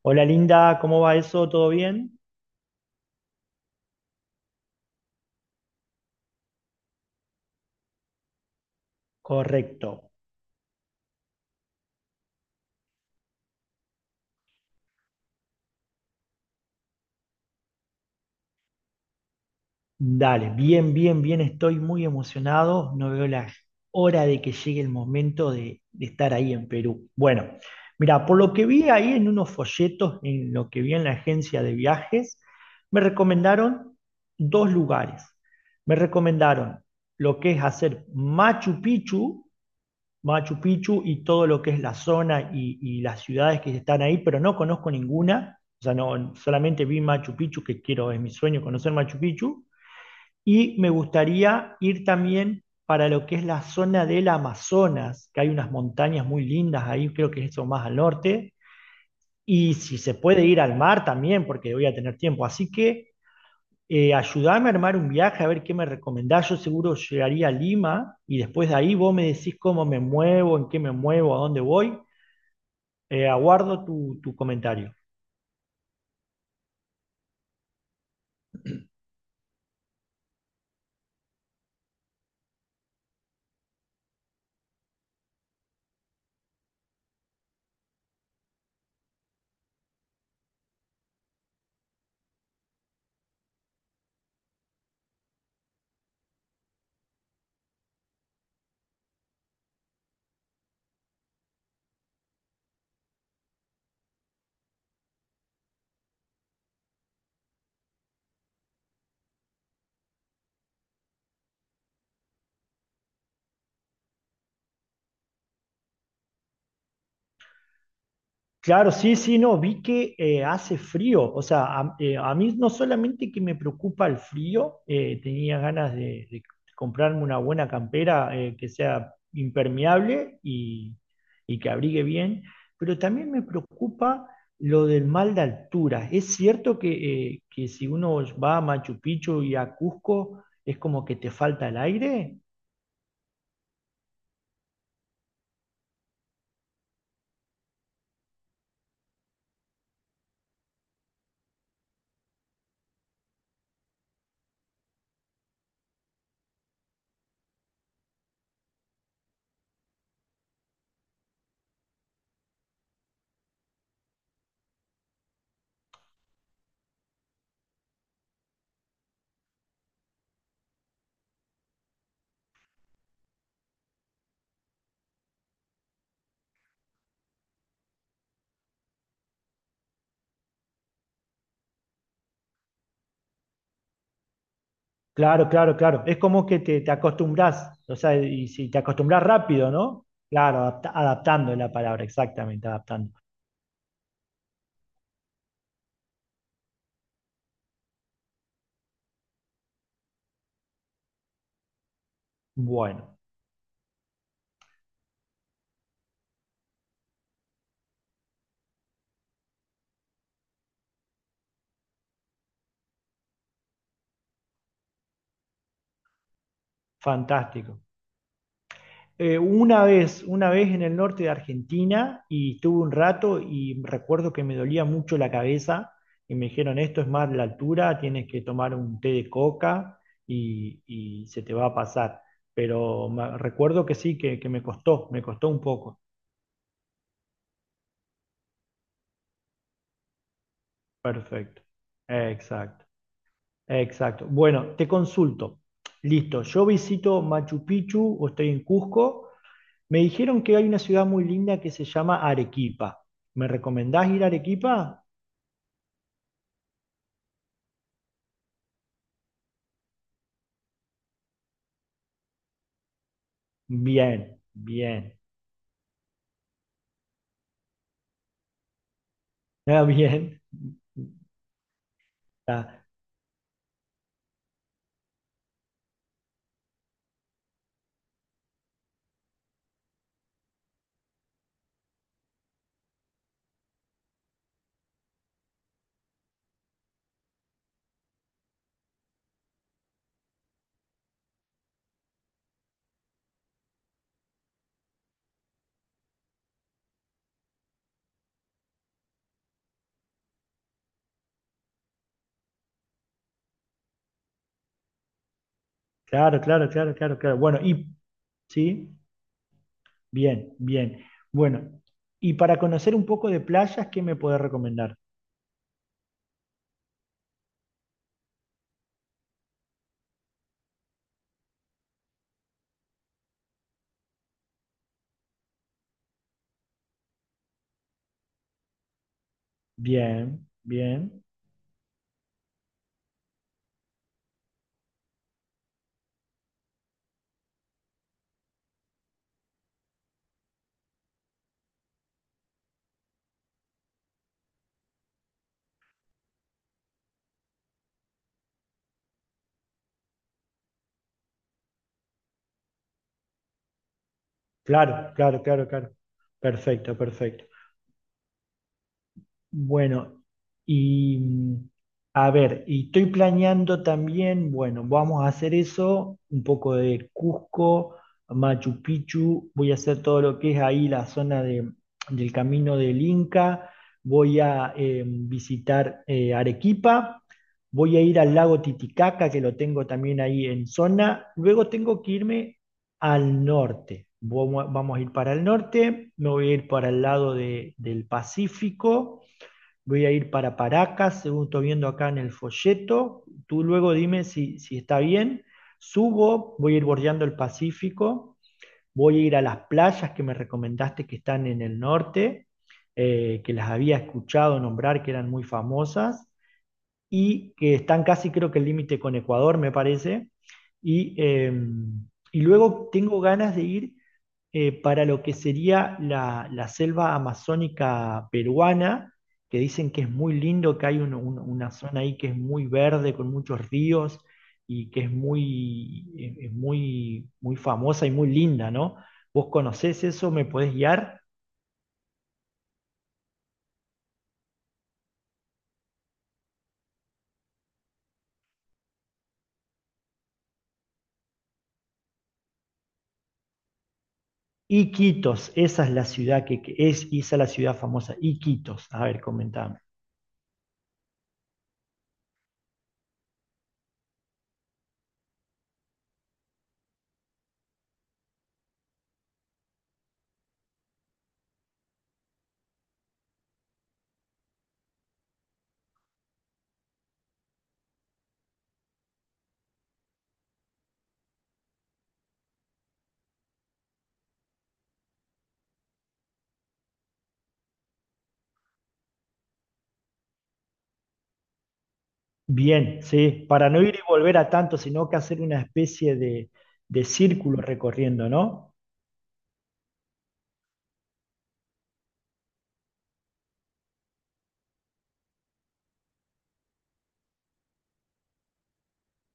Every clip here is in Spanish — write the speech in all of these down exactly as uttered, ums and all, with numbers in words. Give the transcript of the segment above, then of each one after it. Hola Linda, ¿cómo va eso? ¿Todo bien? Correcto. Dale, bien, bien, bien, estoy muy emocionado. No veo la hora de que llegue el momento de, de estar ahí en Perú. Bueno, mira, por lo que vi ahí en unos folletos, en lo que vi en la agencia de viajes, me recomendaron dos lugares. Me recomendaron lo que es hacer Machu Picchu Machu Picchu y todo lo que es la zona y, y las ciudades que están ahí, pero no conozco ninguna. O sea, no, solamente vi Machu Picchu, que quiero, es mi sueño conocer Machu Picchu. Y me gustaría ir también para lo que es la zona del Amazonas, que hay unas montañas muy lindas ahí, creo que es eso más al norte. Y si se puede ir al mar también, porque voy a tener tiempo. Así que eh, ayudame a armar un viaje, a ver qué me recomendás. Yo seguro llegaría a Lima y después de ahí vos me decís cómo me muevo, en qué me muevo, a dónde voy. Eh, aguardo tu, tu comentario. Claro, sí, sí, no, vi que eh, hace frío, o sea, a, eh, a mí no solamente que me preocupa el frío, eh, tenía ganas de, de comprarme una buena campera eh, que sea impermeable y, y que abrigue bien, pero también me preocupa lo del mal de altura. Es cierto que, eh, que si uno va a Machu Picchu y a Cusco, es como que te falta el aire. Claro, claro, claro. Es como que te, te acostumbras, o sea, y si te acostumbras rápido, ¿no? Claro, adapta- adaptando es la palabra, exactamente, adaptando. Bueno, fantástico. Eh, una vez, una vez en el norte de Argentina y estuve un rato y recuerdo que me dolía mucho la cabeza y me dijeron, esto es más la altura, tienes que tomar un té de coca y, y se te va a pasar. Pero me- recuerdo que sí, que, que me costó, me costó un poco. Perfecto. Exacto. Exacto. Bueno, te consulto. Listo, yo visito Machu Picchu o estoy en Cusco. Me dijeron que hay una ciudad muy linda que se llama Arequipa. ¿Me recomendás ir a Arequipa? Bien, bien. Ah, bien. Ah, claro, claro, claro, claro, claro. Bueno, y sí, bien, bien. Bueno, y para conocer un poco de playas, ¿qué me podés recomendar? Bien, bien. Claro, claro, claro, claro. Perfecto, perfecto. Bueno, y mm, a ver, y estoy planeando también, bueno, vamos a hacer eso, un poco de Cusco, Machu Picchu, voy a hacer todo lo que es ahí la zona de- del Camino del Inca, voy a eh, visitar eh, Arequipa, voy a ir al lago Titicaca, que lo tengo también ahí en zona, luego tengo que irme al norte, vamos, vamos a ir para el norte, me voy a ir para el lado de- del Pacífico. Voy a ir para Paracas, según estoy viendo acá en el folleto. Tú luego dime si, si está bien. Subo, voy a ir bordeando el Pacífico, voy a ir a las playas que me recomendaste que están en el norte, eh, que las había escuchado nombrar, que eran muy famosas y que están casi creo que el límite con Ecuador, me parece. Y, eh, y luego tengo ganas de ir eh, para lo que sería la, la selva amazónica peruana, que dicen que es muy lindo, que hay un- un- una zona ahí que es muy verde, con muchos ríos y que es muy, es- es muy, muy famosa y muy linda, ¿no? ¿Vos conocés eso? ¿Me podés guiar? Iquitos, esa es la ciudad que, que es, esa es la ciudad famosa, Iquitos. A ver, comentame. Bien, sí, para no ir y volver a tanto, sino que hacer una especie de, de círculo recorriendo, ¿no?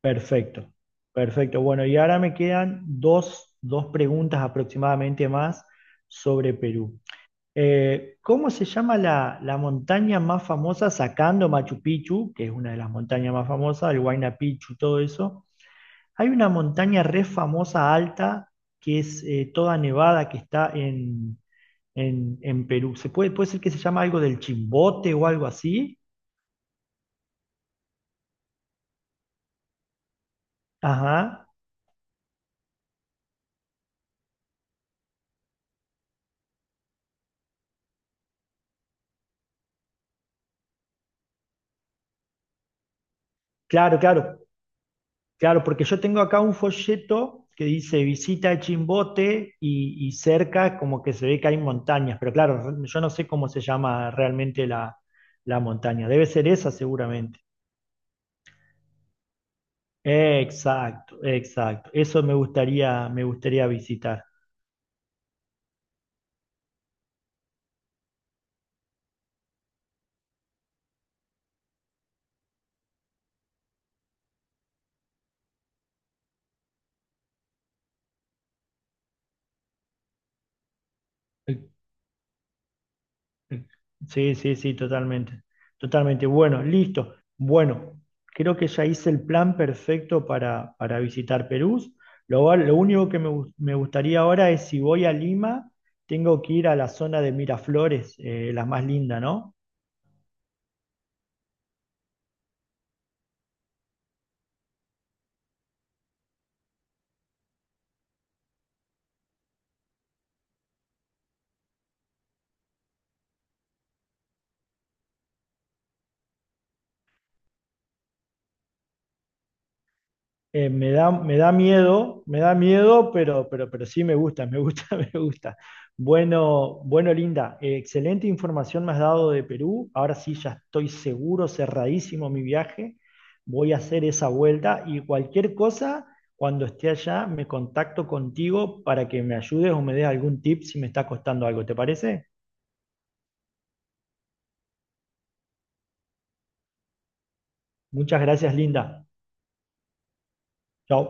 Perfecto, perfecto. Bueno, y ahora me quedan dos, dos preguntas aproximadamente más sobre Perú. Eh, ¿cómo se llama la, la montaña más famosa, sacando Machu Picchu, que es una de las montañas más famosas, el Huayna Picchu, todo eso? Hay una montaña re famosa alta, que es eh, toda nevada, que está en, en Perú. ¿Se puede, puede ser que se llama algo del Chimbote o algo así? Ajá. Claro, claro, claro, porque yo tengo acá un folleto que dice visita el Chimbote y, y cerca como que se ve que hay montañas, pero claro, yo no sé cómo se llama realmente la, la montaña. Debe ser esa seguramente. Exacto, exacto. Eso me gustaría, me gustaría visitar. Sí, sí, sí, totalmente. Totalmente. Bueno, listo. Bueno, creo que ya hice el plan perfecto para, para visitar Perú. Lo, va- lo único que me, gus- me gustaría ahora es si voy a Lima, tengo que ir a la zona de Miraflores, eh, la más linda, ¿no? Eh, me da, me da miedo, me da miedo, pero, pero, pero sí me gusta, me gusta, me gusta. Bueno, bueno, Linda, eh, excelente información me has dado de Perú. Ahora sí ya estoy seguro, cerradísimo mi viaje. Voy a hacer esa vuelta y cualquier cosa, cuando esté allá, me contacto contigo para que me ayudes o me des algún tip si me está costando algo. ¿Te parece? Muchas gracias, Linda. Chao.